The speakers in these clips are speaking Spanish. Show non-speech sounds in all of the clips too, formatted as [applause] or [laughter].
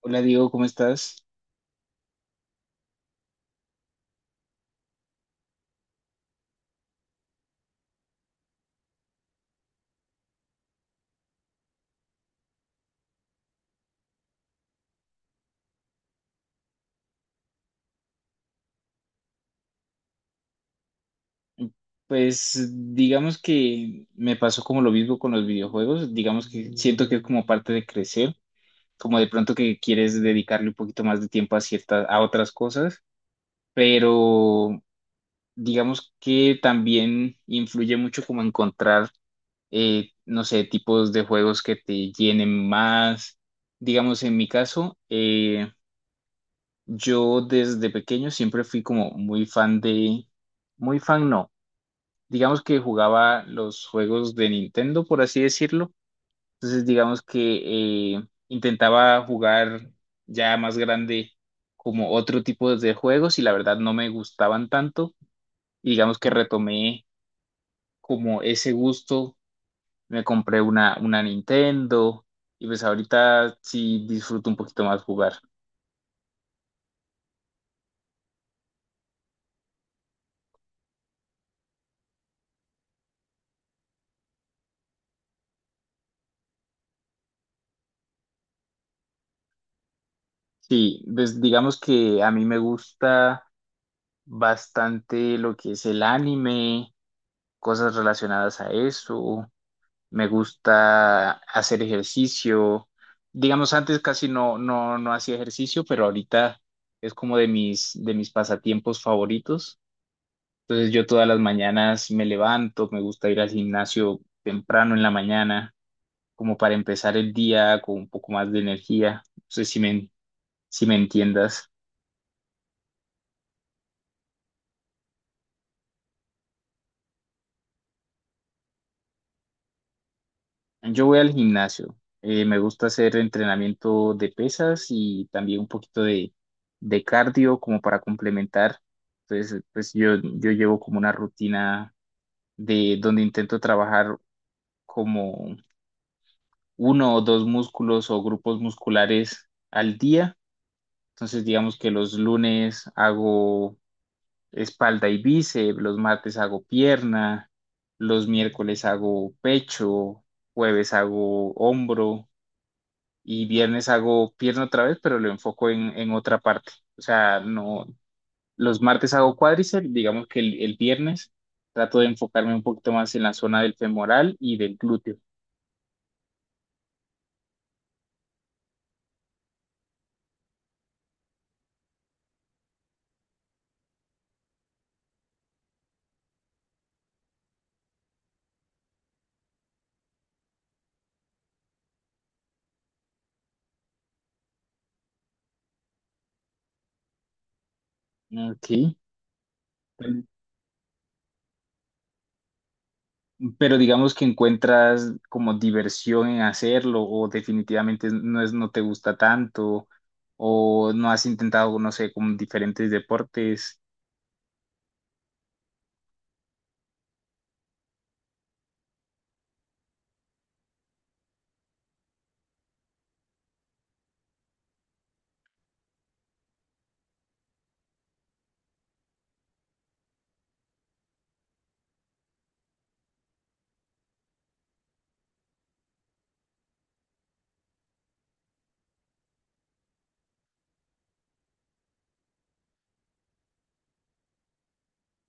Hola, Diego, ¿cómo estás? Pues digamos que me pasó como lo mismo con los videojuegos. Digamos que siento que es como parte de crecer, como de pronto que quieres dedicarle un poquito más de tiempo a ciertas, a otras cosas, pero digamos que también influye mucho como encontrar, no sé, tipos de juegos que te llenen más. Digamos, en mi caso, yo desde pequeño siempre fui como muy fan de, muy fan no. Digamos que jugaba los juegos de Nintendo, por así decirlo. Entonces, digamos que intentaba jugar ya más grande como otro tipo de juegos, y la verdad no me gustaban tanto. Y digamos que retomé como ese gusto, me compré una Nintendo y pues ahorita sí disfruto un poquito más jugar. Sí, pues digamos que a mí me gusta bastante lo que es el anime, cosas relacionadas a eso. Me gusta hacer ejercicio. Digamos, antes casi no, no, no hacía ejercicio, pero ahorita es como de mis pasatiempos favoritos. Entonces yo todas las mañanas me levanto, me gusta ir al gimnasio temprano en la mañana, como para empezar el día con un poco más de energía. No sé si me, si me entiendas. Yo voy al gimnasio. Me gusta hacer entrenamiento de pesas y también un poquito de cardio como para complementar. Entonces, pues yo llevo como una rutina de donde intento trabajar como uno o dos músculos o grupos musculares al día. Entonces, digamos que los lunes hago espalda y bíceps, los martes hago pierna, los miércoles hago pecho, jueves hago hombro. Y viernes hago pierna otra vez, pero lo enfoco en otra parte. O sea, no, los martes hago cuádriceps, digamos que el viernes trato de enfocarme un poquito más en la zona del femoral y del glúteo. Ok. Pero digamos que encuentras como diversión en hacerlo o definitivamente no es, no te gusta tanto, o no has intentado, no sé, con diferentes deportes.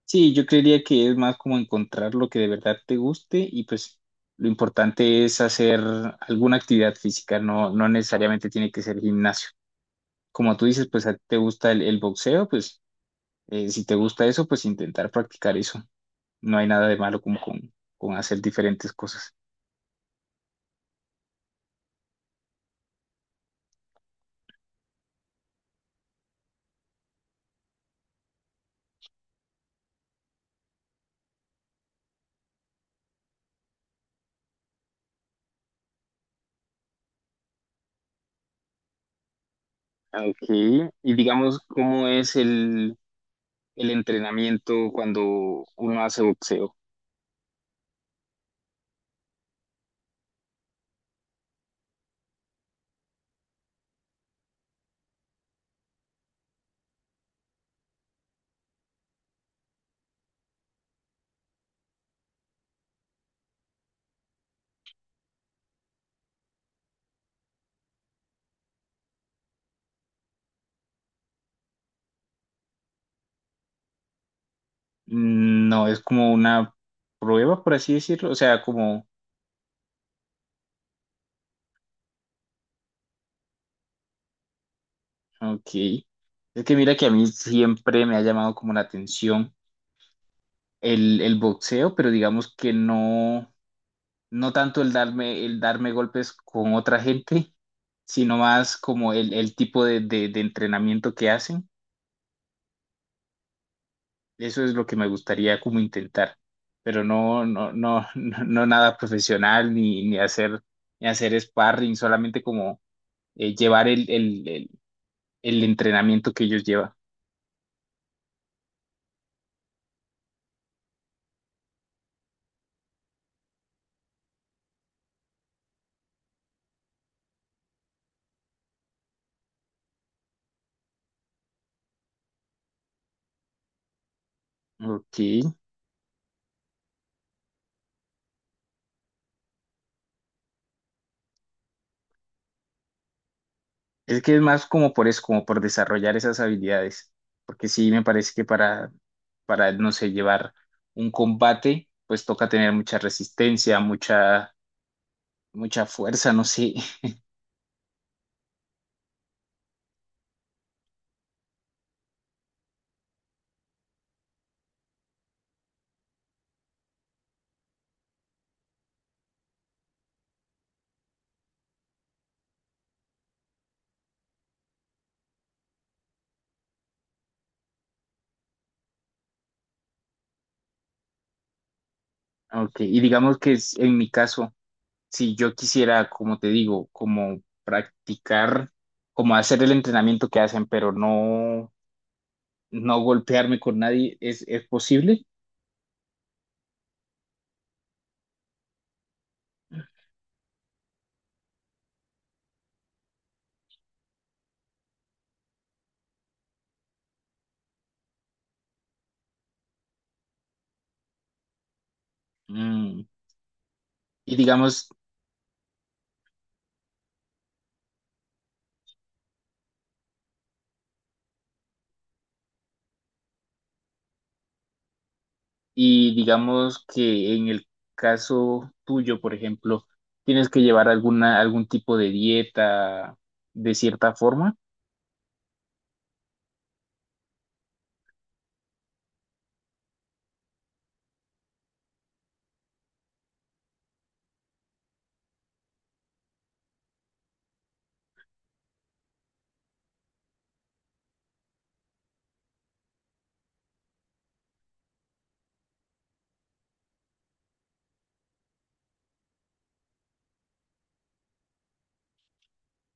Sí, yo creería que es más como encontrar lo que de verdad te guste, y pues lo importante es hacer alguna actividad física, no, no necesariamente tiene que ser gimnasio. Como tú dices, pues a ti te gusta el boxeo, pues si te gusta eso, pues intentar practicar eso. No hay nada de malo como con hacer diferentes cosas. Ok, y digamos, ¿cómo es el entrenamiento cuando uno hace boxeo? Mm. No, es como una prueba, por así decirlo, o sea, como... Ok. Es que mira que a mí siempre me ha llamado como la atención el boxeo, pero digamos que no, no tanto el darme golpes con otra gente, sino más como el tipo de entrenamiento que hacen. Eso es lo que me gustaría como intentar, pero no, no, no, [laughs] no, no nada profesional ni, ni hacer, ni hacer sparring, solamente como llevar el entrenamiento que ellos llevan. Ok. Es que es más como por eso, como por desarrollar esas habilidades. Porque sí, me parece que para, no sé, llevar un combate, pues toca tener mucha resistencia, mucha, mucha fuerza, no sé. [laughs] Ok, y digamos que es- en mi caso, si yo quisiera, como te digo, como practicar, como hacer el entrenamiento que hacen, pero no, no golpearme con nadie, es posible? Mm. Y digamos, y digamos que en el caso tuyo, por ejemplo, tienes que llevar alguna, algún tipo de dieta de cierta forma.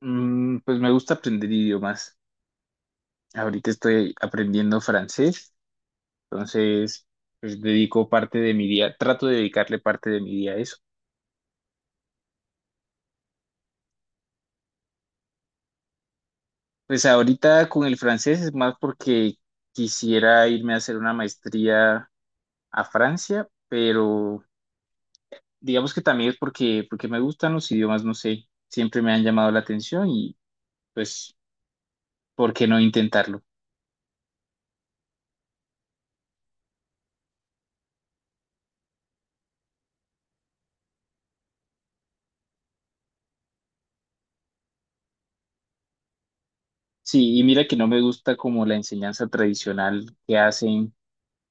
Mm, pues me gusta aprender idiomas. Ahorita estoy aprendiendo francés, entonces pues dedico parte de mi día, trato de dedicarle parte de mi día a eso. Pues ahorita con el francés es más porque quisiera irme a hacer una maestría a Francia, pero digamos que también es porque, porque me gustan los idiomas, no sé, siempre me han llamado la atención, y pues, ¿por qué no intentarlo? Sí, y mira que no me gusta como la enseñanza tradicional que hacen,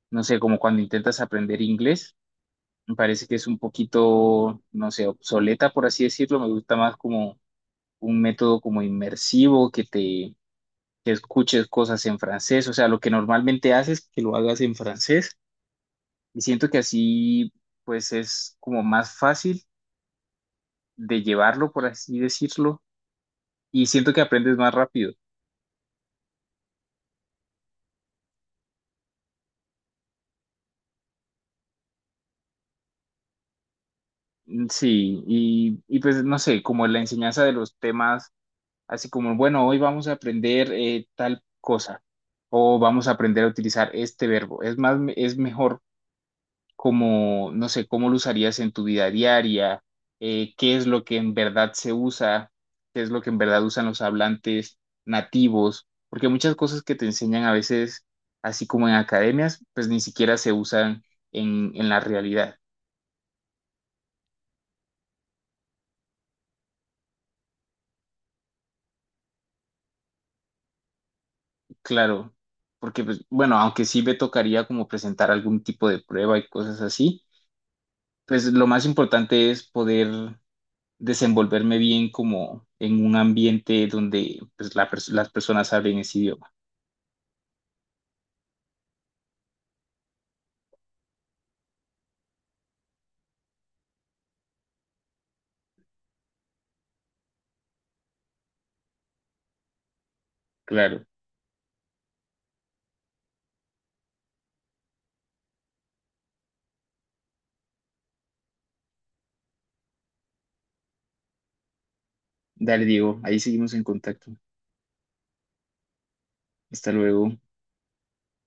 no sé, como cuando intentas aprender inglés, me parece que es un poquito, no sé, obsoleta, por así decirlo, me gusta más como un método como inmersivo, que te que escuches cosas en francés, o sea, lo que normalmente haces, que lo hagas en francés, y siento que así pues es como más fácil de llevarlo, por así decirlo, y siento que aprendes más rápido. Mm. Sí, y pues no sé, como la enseñanza de los temas, así como, bueno, hoy vamos a aprender tal cosa, o vamos a aprender a utilizar este verbo. Es más, es mejor como, no sé, cómo lo usarías en tu vida diaria, qué es lo que en verdad se usa, qué es lo que en verdad usan los hablantes nativos, porque muchas cosas que te enseñan a veces, así como en academias, pues ni siquiera se usan en la realidad, claro, porque, pues, bueno, aunque sí me tocaría como presentar algún tipo de prueba y cosas así, pues lo más importante es poder desenvolverme bien como en un ambiente donde pues, la pers- las personas hablen ese idioma. Claro. Dale, Diego. Ahí seguimos en contacto. Hasta luego.